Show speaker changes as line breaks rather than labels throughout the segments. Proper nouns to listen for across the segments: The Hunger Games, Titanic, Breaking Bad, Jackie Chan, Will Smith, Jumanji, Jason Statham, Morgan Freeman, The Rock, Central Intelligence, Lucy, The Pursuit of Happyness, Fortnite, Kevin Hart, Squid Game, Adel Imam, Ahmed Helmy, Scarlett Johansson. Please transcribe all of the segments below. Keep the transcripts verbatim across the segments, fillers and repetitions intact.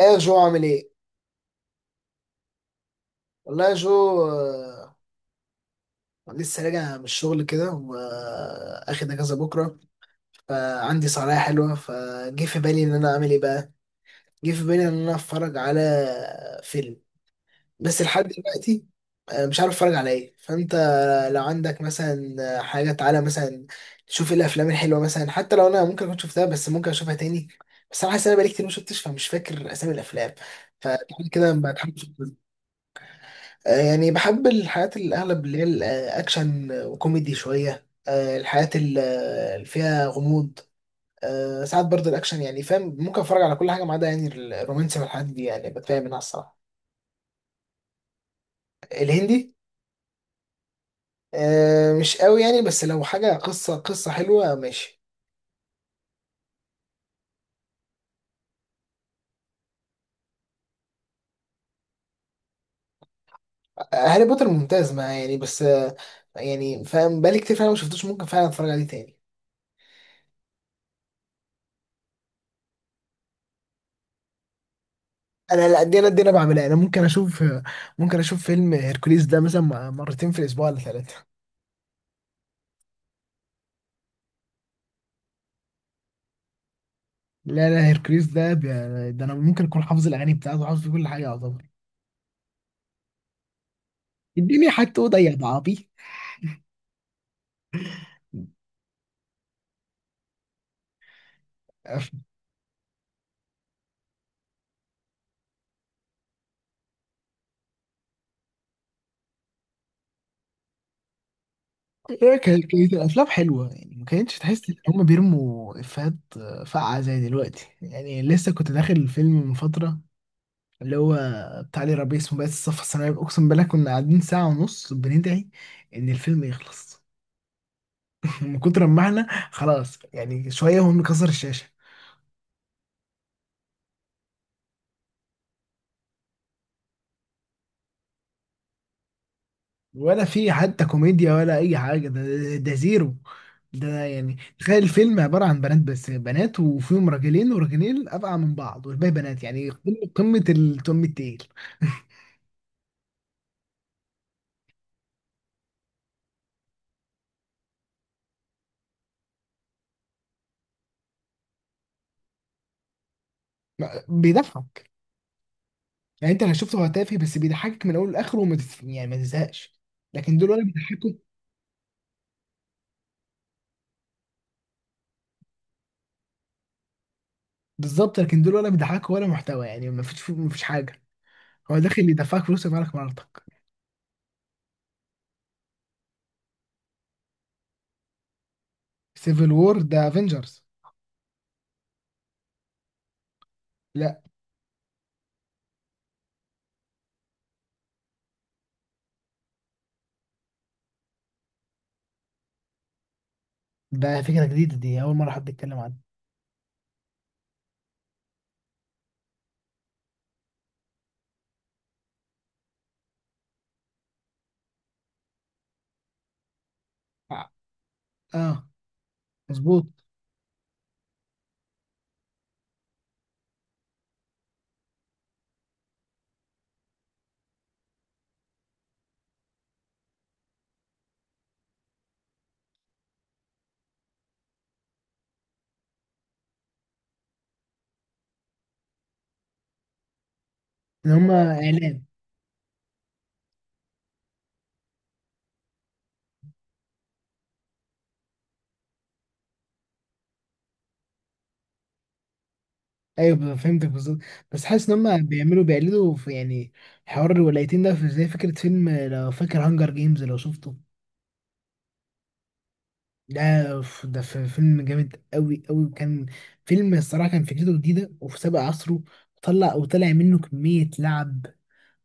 ايه يا جو عامل ايه؟ والله يا جو آه، لسه راجع من الشغل كده واخد اجازه بكره. فعندي صلاحية حلوه فجه في بالي ان انا اعمل ايه بقى؟ جه في بالي ان انا اتفرج على فيلم بس لحد دلوقتي. آه، مش عارف اتفرج على ايه. فانت لو عندك مثلا حاجه تعالى مثلا تشوف ايه الافلام الحلوه مثلا، حتى لو انا ممكن كنت شفتها بس ممكن اشوفها تاني. بس انا حاسس ان انا بقالي كتير ما شفتش، فمش فاكر اسامي الافلام. فتعالى كده بقى. آه، يعني بحب الحاجات اللي اغلب اللي هي الاكشن وكوميدي شويه، آه، الحاجات ال- اللي فيها غموض. آه، ساعات برضه الاكشن يعني فاهم، ممكن اتفرج على كل حاجه ما عدا يعني الرومانسي والحاجات دي يعني بتفاهم منها الصراحه. الهندي، آه، مش قوي يعني، بس لو حاجه قصه قصه حلوه ماشي. آه، هاري بوتر ممتاز ما يعني، بس آه، يعني فاهم بقالي كتير فعلا ما شفتوش، ممكن فعلا اتفرج عليه تاني. انا لا، دي انا دي انا بعملها، انا ممكن اشوف، ممكن اشوف فيلم هيركوليس ده مثلا مرتين في الاسبوع ولا ثلاثه. لا لا، هيركليس ده بي... ده انا ممكن اكون حافظ الاغاني بتاعته، حافظ كل حاجه يعتبر الدنيا، حتى اوضه يا بعبي. أف- هيك هيركليس الافلام حلوه يعني، ما كانتش تحس ان هم بيرموا افيهات فقعه زي دلوقتي. يعني لسه كنت داخل الفيلم من فتره اللي هو بتاع لي ربيع اسمه بس الصف الثانوي. اقسم بالله كنا قاعدين ساعه ونص بندعي ان الفيلم يخلص. من كتر ما احنا خلاص يعني شويه وهم كسر الشاشه. ولا في حتى كوميديا ولا اي حاجه. ده، ده زيرو. ده يعني تخيل الفيلم عباره عن بنات، بس بنات وفيهم راجلين، وراجلين ابقى من بعض والباقي بنات. يعني قمه قمه التم التقيل. ما- بيضحك يعني، انت لو شفته هو تافه بس بيضحكك من اول لاخره، وما تف... يعني ما تزهقش. لكن دول ولا بيضحكوا. بالظبط، لكن دول ولا بيضحكوا ولا محتوى. يعني ما فيش ما فيش حاجه. هو داخل يدفعك فلوس يبقى مراتك. سيفل وور ده افنجرز؟ لا. ده فكره جديده دي، اول مره حد يتكلم عنها. اه، مظبوط. ان هم اعلام. ايوه، فهمتك بالظبط. بس حاسس ان هم بيعملوا بيقلدوا في يعني حوار الولايتين ده في زي فكره فيلم لو فاكر، هانجر جيمز، لو شفته. ده في ده في فيلم جامد قوي قوي وكان فيلم الصراحه كان فكرته جديده وفي سابق عصره. طلع وطلع منه كميه لعب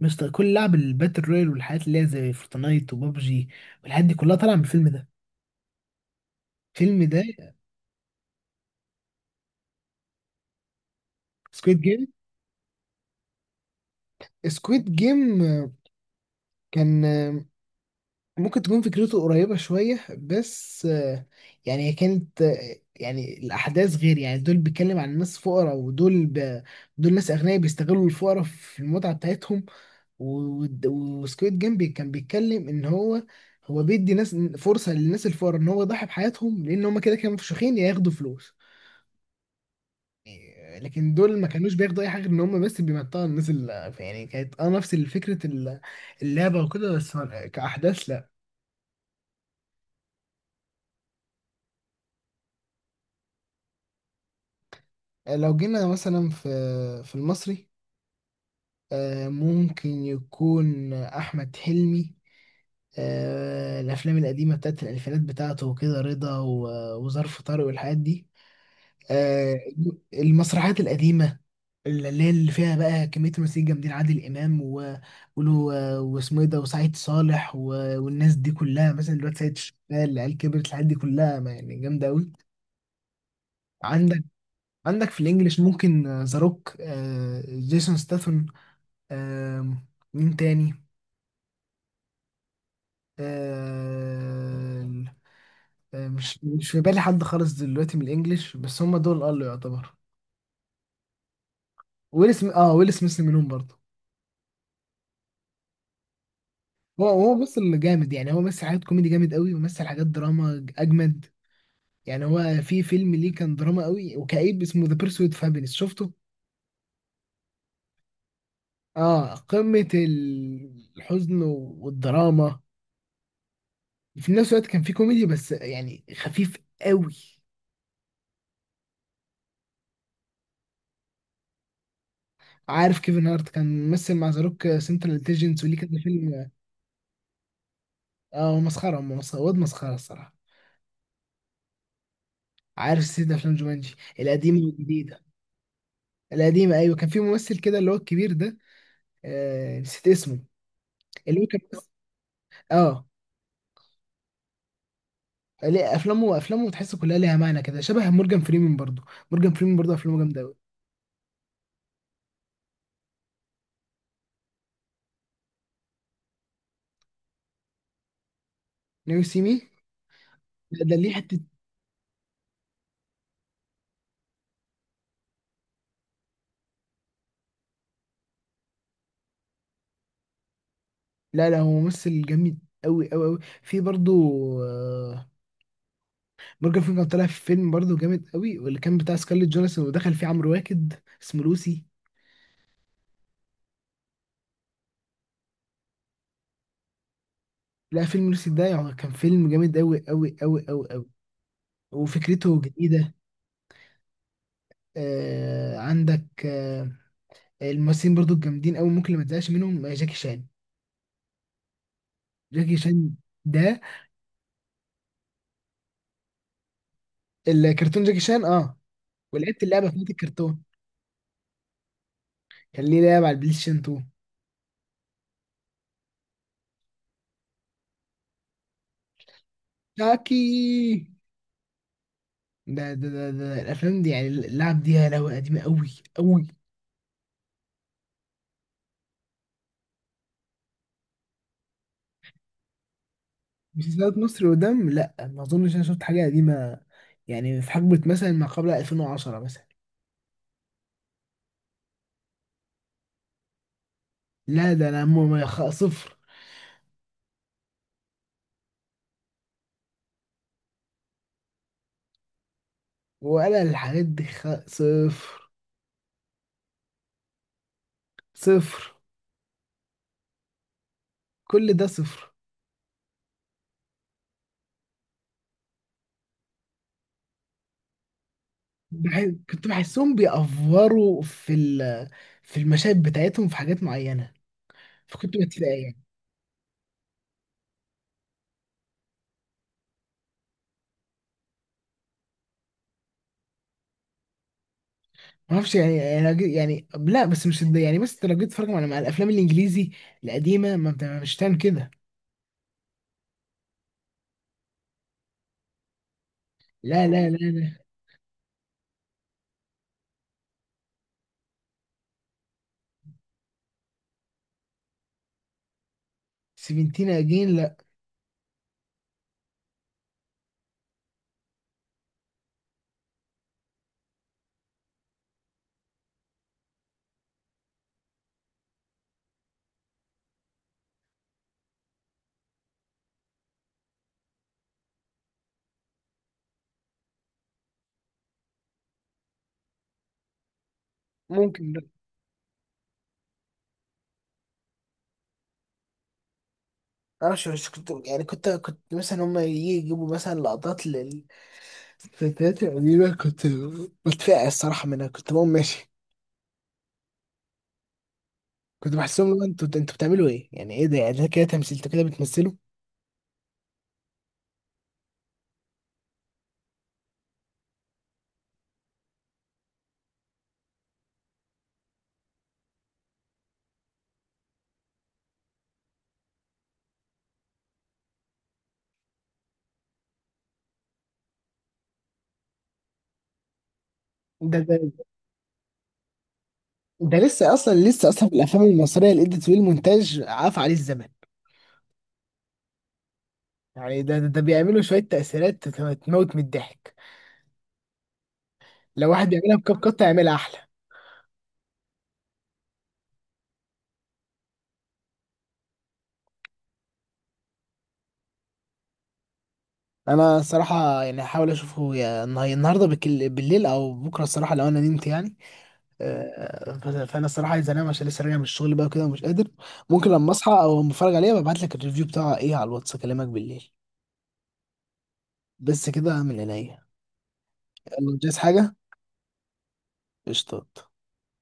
مش طبيعي. كل لعب الباتل رويال والحاجات اللي هي زي فورتنايت وبابجي والحاجات دي كلها طالعه من الفيلم ده، الفيلم ده. سكويد جيم سكويد جيم كان ممكن تكون فكرته قريبة شوية، بس آه، يعني هي كانت، آه، يعني الأحداث غير. يعني دول بيتكلم عن ناس فقراء، ودول ب... دول ناس أغنياء بيستغلوا الفقراء في المتعة بتاعتهم. و- وسكويد جيم بي- كان بيتكلم إن هو هو بيدي ناس فرصة للناس الفقراء إن هو يضحي بحياتهم، لأن هما كده كانوا مفشوخين يا ياخدوا فلوس. يعني، لكن دول ما كانوش بياخدوا أي حاجة غير إن هما بس بيمتعوا الناس. اللي يعني كانت أه نفس فكرة اللعبة وكده بس، كأحداث. لو جينا مثلا في في المصري، آه، ممكن يكون أحمد حلمي، آه، الأفلام القديمة بتاعت الألفينات بتاعته وكده، رضا، و- وظرف طارق والحاجات دي. آه، المسرحيات القديمة اللي هي اللي فيها بقى كمية ممثلين جامدين، عادل إمام و- وله- واسمه إيه ده، وسعيد صالح و- والناس دي كلها، مثلا دلوقتي سيد الشغال، العيال كبرت، الحاجات دي كلها ما- يعني جامدة أوي. عندك عندك في الإنجليش ممكن ذا روك، آه، جيسون ستاثام، آم، مين تاني؟ آم، آم، مش مش في بالي حد خالص دلوقتي من الانجليش، بس هم دول قالوا يعتبر. ويل سميث، اه ويل سميث منهم برضه. هو هو بس اللي جامد يعني، هو مثل حاجات كوميدي جامد قوي ومثل حاجات دراما ج- اجمد. يعني هو في فيلم ليه كان دراما قوي وكئيب اسمه ذا بيرسويت اوف هابينس، شفته؟ اه، قمة ال- الحزن والدراما. في نفس الوقت كان في كوميدي بس يعني خفيف قوي. عارف كيفن هارت؟ كان ممثل مع زاروك سنترال انتليجنس وليه كذا فيلم. اه هو مسخره، هم مسخره، واد مسخره الصراحه. عارف سلسله افلام جومانجي القديمه والجديده. القديمه ايوه، كان في ممثل كده اللي هو الكبير ده. آه نسيت اسمه. اللي هو كان، اه. ليه افلامه، افلامه تحس كلها ليها معنى كده، شبه مورجان فريمان برضو. مورجان فريمان برضو افلامه جامده قوي. ناو سي مي؟ ده ده ليه حته. لا لا، هو ممثل جامد قوي قوي قوي في برضو. مورجان فريمان طلع في فيلم برضه جامد قوي، واللي كان بتاع سكارليت جونسون ودخل فيه عمرو واكد، اسمه لوسي. لا فيلم لوسي ده يعني كان فيلم جامد قوي قوي قوي قوي قوي، وفكرته جديدة. آه عندك آه، الممثلين برضه الجامدين قوي ممكن اللي ما تزهقش منهم، آه، جاكي شان. جاكي شان ده الكرتون. جاكي شان اه، ولعبت اللعبة بتاعت الكرتون. كان ليه لعبة على البلاي ستيشن اتنين. جاكي، ده ده ده, ده الافلام دي يعني، اللعب دي يا لهوي قديمة قوي قوي. مسلسلات مصري قدام، لا ما اظنش انا شفت حاجه قديمه. يعني في حقبه مثلا ما قبل ألفين وعشرة مثلا. لا، ده انا م- ما خ- صفر. ولا الحاجات دي خ... صفر. صفر. كل ده صفر. بح... كنت بحسهم بيأفوروا في ال... في المشاهد بتاعتهم في حاجات معينه، فكنت بتضايق يعني. ما اعرفش يعني، أنا جي- يعني لا، بس مش الد- يعني بس انت لو جيت تتفرج على مع الافلام الانجليزي القديمه ما بت- مش هتعمل كده. لا لا لا لا. سيفنتين اجين، لا. ممكن. انا مش مش كنت يعني، كنت كنت مثلا هم يجي يجيبوا مثلا لقطات للفتيات القديمه، كنت بتفقع الصراحه منها، كنت بقوم ماشي. كنت بحسهم، لو انتوا انتوا بتعملوا ايه يعني، ايه ده يعني، ده كده تمثيل؟ انتوا كده بتمثلوا؟ ده ده ده لسه اصلا، لسه اصلا في الافلام المصريه الايديت والمونتاج عاف عليه الزمن. يعني ده ده, ده بيعملوا شويه تاثيرات ت- تموت من الضحك. لو واحد يعملها بكاب قطه يعملها احلى. انا الصراحه يعني هحاول اشوفه يا النهار- النهارده بكل- بالليل او بكره الصراحه لو انا نمت يعني. آه، ف- فانا الصراحه عايز انام عشان لسه راجع من الشغل بقى كده ومش قادر. ممكن لما اصحى او لما اتفرج عليها ببعت لك الريفيو بتاعها ايه على الواتس، اكلمك بالليل. بس كده، من عينيا. يلا، مش عايز حاجه. قشطات.